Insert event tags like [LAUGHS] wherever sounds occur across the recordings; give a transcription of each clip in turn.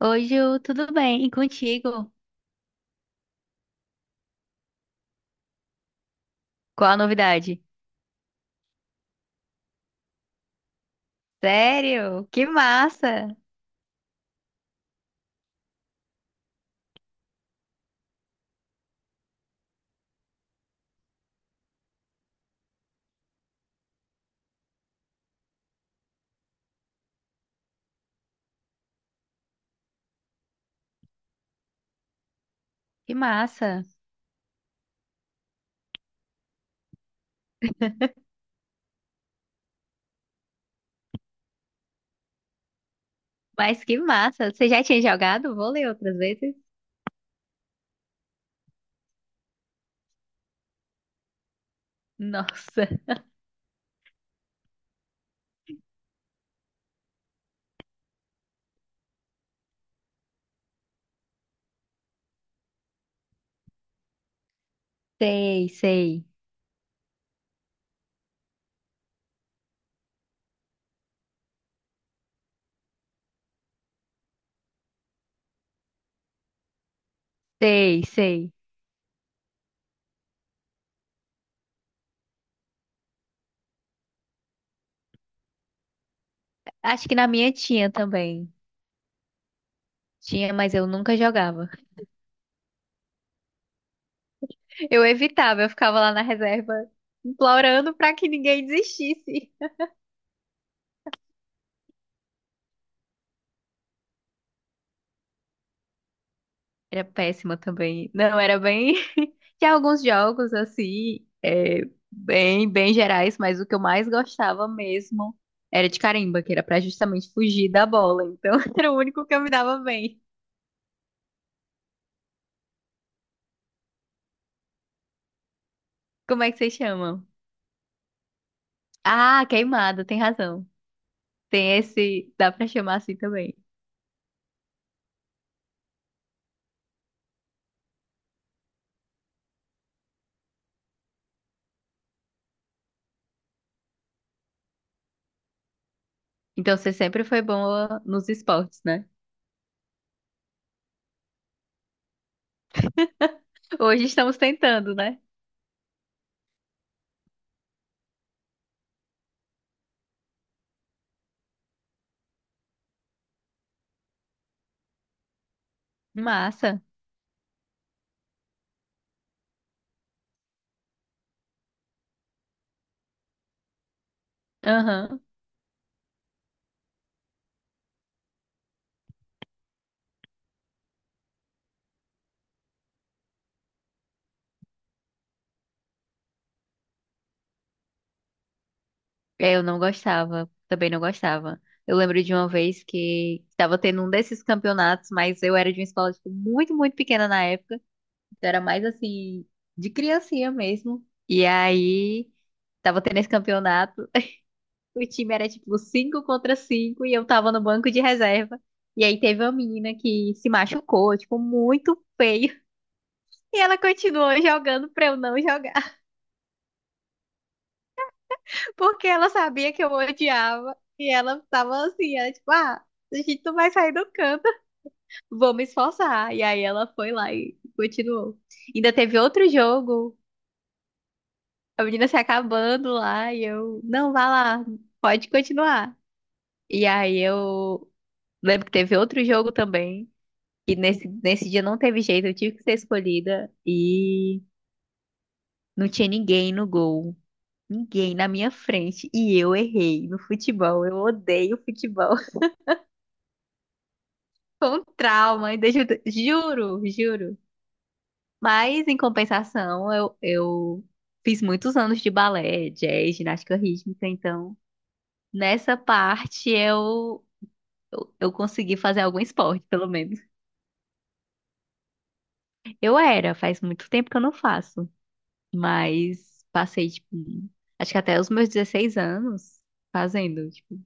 Oi, Ju, tudo bem? E contigo? Qual a novidade? Sério? Que massa! Que massa! Mas que massa! Você já tinha jogado vôlei outras vezes? Nossa! Sei, sei. Sei, sei. Acho que na minha tinha também. Tinha, mas eu nunca jogava. Eu evitava, eu ficava lá na reserva implorando pra que ninguém desistisse. Era péssima também. Não, era bem. [LAUGHS] Tinha alguns jogos, assim, é, bem, bem gerais, mas o que eu mais gostava mesmo era de carimba, que era pra justamente fugir da bola. Então, [LAUGHS] era o único que eu me dava bem. Como é que vocês chamam? Ah, queimada, tem razão. Tem esse. Dá pra chamar assim também. Então, você sempre foi boa nos esportes, né? Hoje estamos tentando, né? Massa. Aham. É, eu não gostava, também não gostava. Eu lembro de uma vez que estava tendo um desses campeonatos, mas eu era de uma escola tipo, muito, muito pequena na época. Então era mais assim, de criancinha mesmo. E aí, estava tendo esse campeonato. [LAUGHS] O time era tipo 5 contra 5 e eu tava no banco de reserva. E aí teve uma menina que se machucou, tipo, muito feio. [LAUGHS] E ela continuou jogando pra eu não jogar. Porque ela sabia que eu odiava e ela tava assim, ela, tipo, ah, a gente não vai sair do canto, vou me esforçar. E aí ela foi lá e continuou. Ainda teve outro jogo, a menina se acabando lá e eu, não, vá lá, pode continuar. E aí eu lembro que teve outro jogo também, e nesse dia não teve jeito, eu tive que ser escolhida e não tinha ninguém no gol. Ninguém na minha frente e eu errei no futebol. Eu odeio futebol. Com trauma, ainda juro, juro. Mas, em compensação, eu fiz muitos anos de balé, jazz, ginástica rítmica, então nessa parte eu consegui fazer algum esporte, pelo menos. Eu era, faz muito tempo que eu não faço, mas passei, tipo, acho que até os meus 16 anos fazendo, tipo.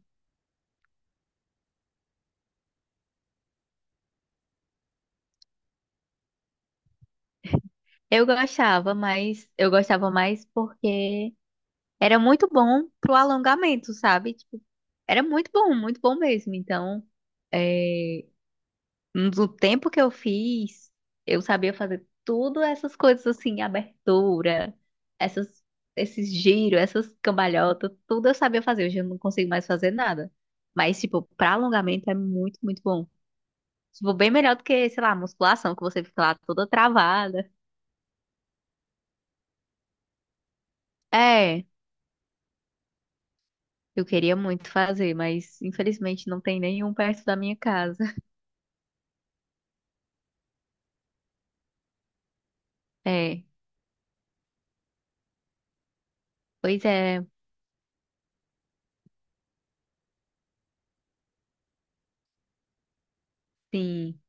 Eu gostava, mas eu gostava mais porque era muito bom pro alongamento, sabe? Tipo, era muito bom mesmo. Então, é, no tempo que eu fiz, eu sabia fazer tudo essas coisas assim, abertura, essas, esses giros, essas cambalhotas, tudo eu sabia fazer. Hoje eu não consigo mais fazer nada. Mas, tipo, pra alongamento é muito, muito bom. Tipo, bem melhor do que, sei lá, musculação, que você fica lá toda travada. É, eu queria muito fazer, mas infelizmente não tem nenhum perto da minha casa. É, pois é, sim.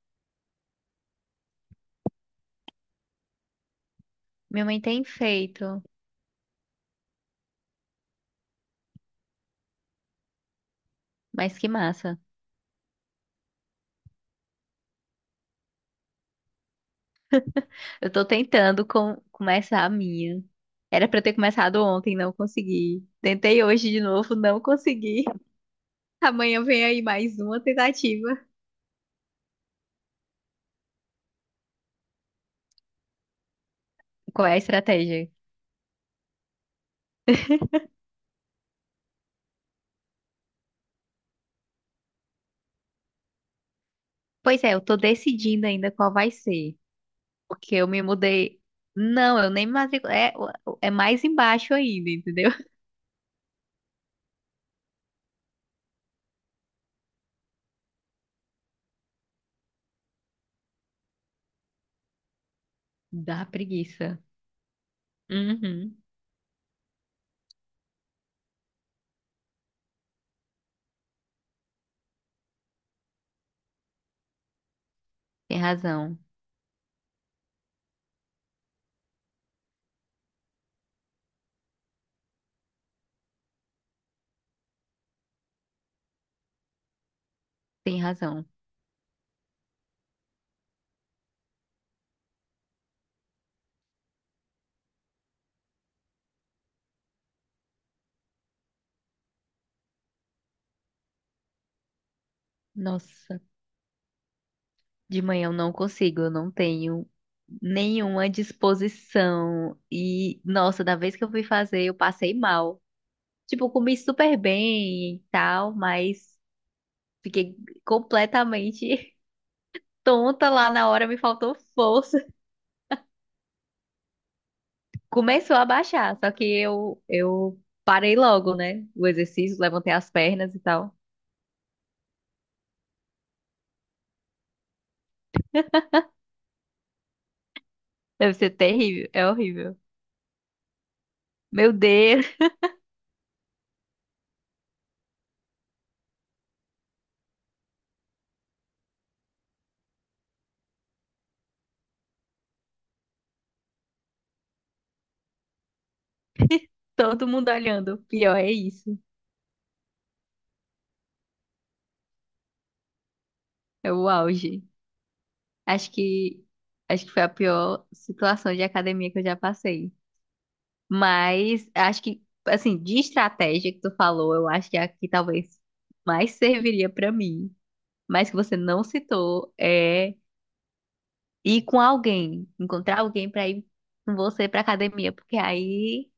Minha mãe tem feito, mas que massa. Eu tô tentando começar a minha. Era pra eu ter começado ontem, não consegui. Tentei hoje de novo, não consegui. [LAUGHS] Amanhã vem aí mais uma tentativa. Qual é a estratégia? Pois é, eu tô decidindo ainda qual vai ser. Porque eu me mudei. Não, eu nem me matriculei. É, é mais embaixo ainda, entendeu? [LAUGHS] Dá preguiça. Uhum. Tem razão, tem razão. Nossa. De manhã eu não consigo, eu não tenho nenhuma disposição. E, nossa, da vez que eu fui fazer, eu passei mal. Tipo, eu comi super bem e tal, mas fiquei completamente [LAUGHS] tonta lá na hora, me faltou força. Começou a baixar, só que eu parei logo, né? O exercício, levantei as pernas e tal. Deve ser terrível, é horrível. Meu Deus, [LAUGHS] todo mundo olhando. Pior é isso, é o auge. Acho que acho que foi a pior situação de academia que eu já passei. Mas acho que assim, de estratégia que tu falou, eu acho que a que talvez mais serviria pra mim, mas que você não citou, é ir com alguém, encontrar alguém pra ir com você pra academia, porque aí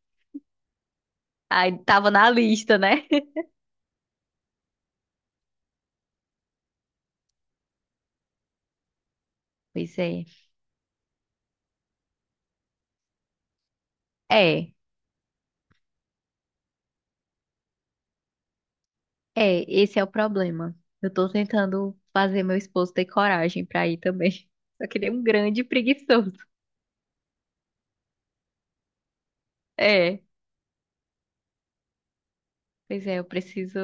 aí tava na lista, né? [LAUGHS] Pois é. É, é, esse é o problema. Eu tô tentando fazer meu esposo ter coragem pra ir também. [LAUGHS] Só que ele é um grande preguiçoso. É. Pois é, eu preciso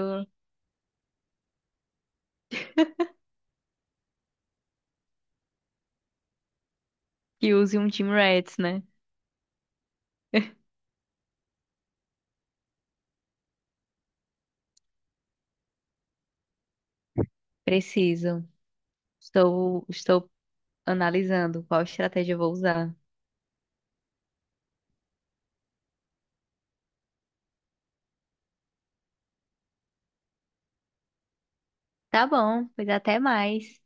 que use um Team Rats, né? Preciso. Estou, estou analisando qual estratégia eu vou usar. Tá bom, pois até mais.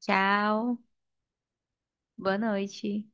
Tchau. Boa noite.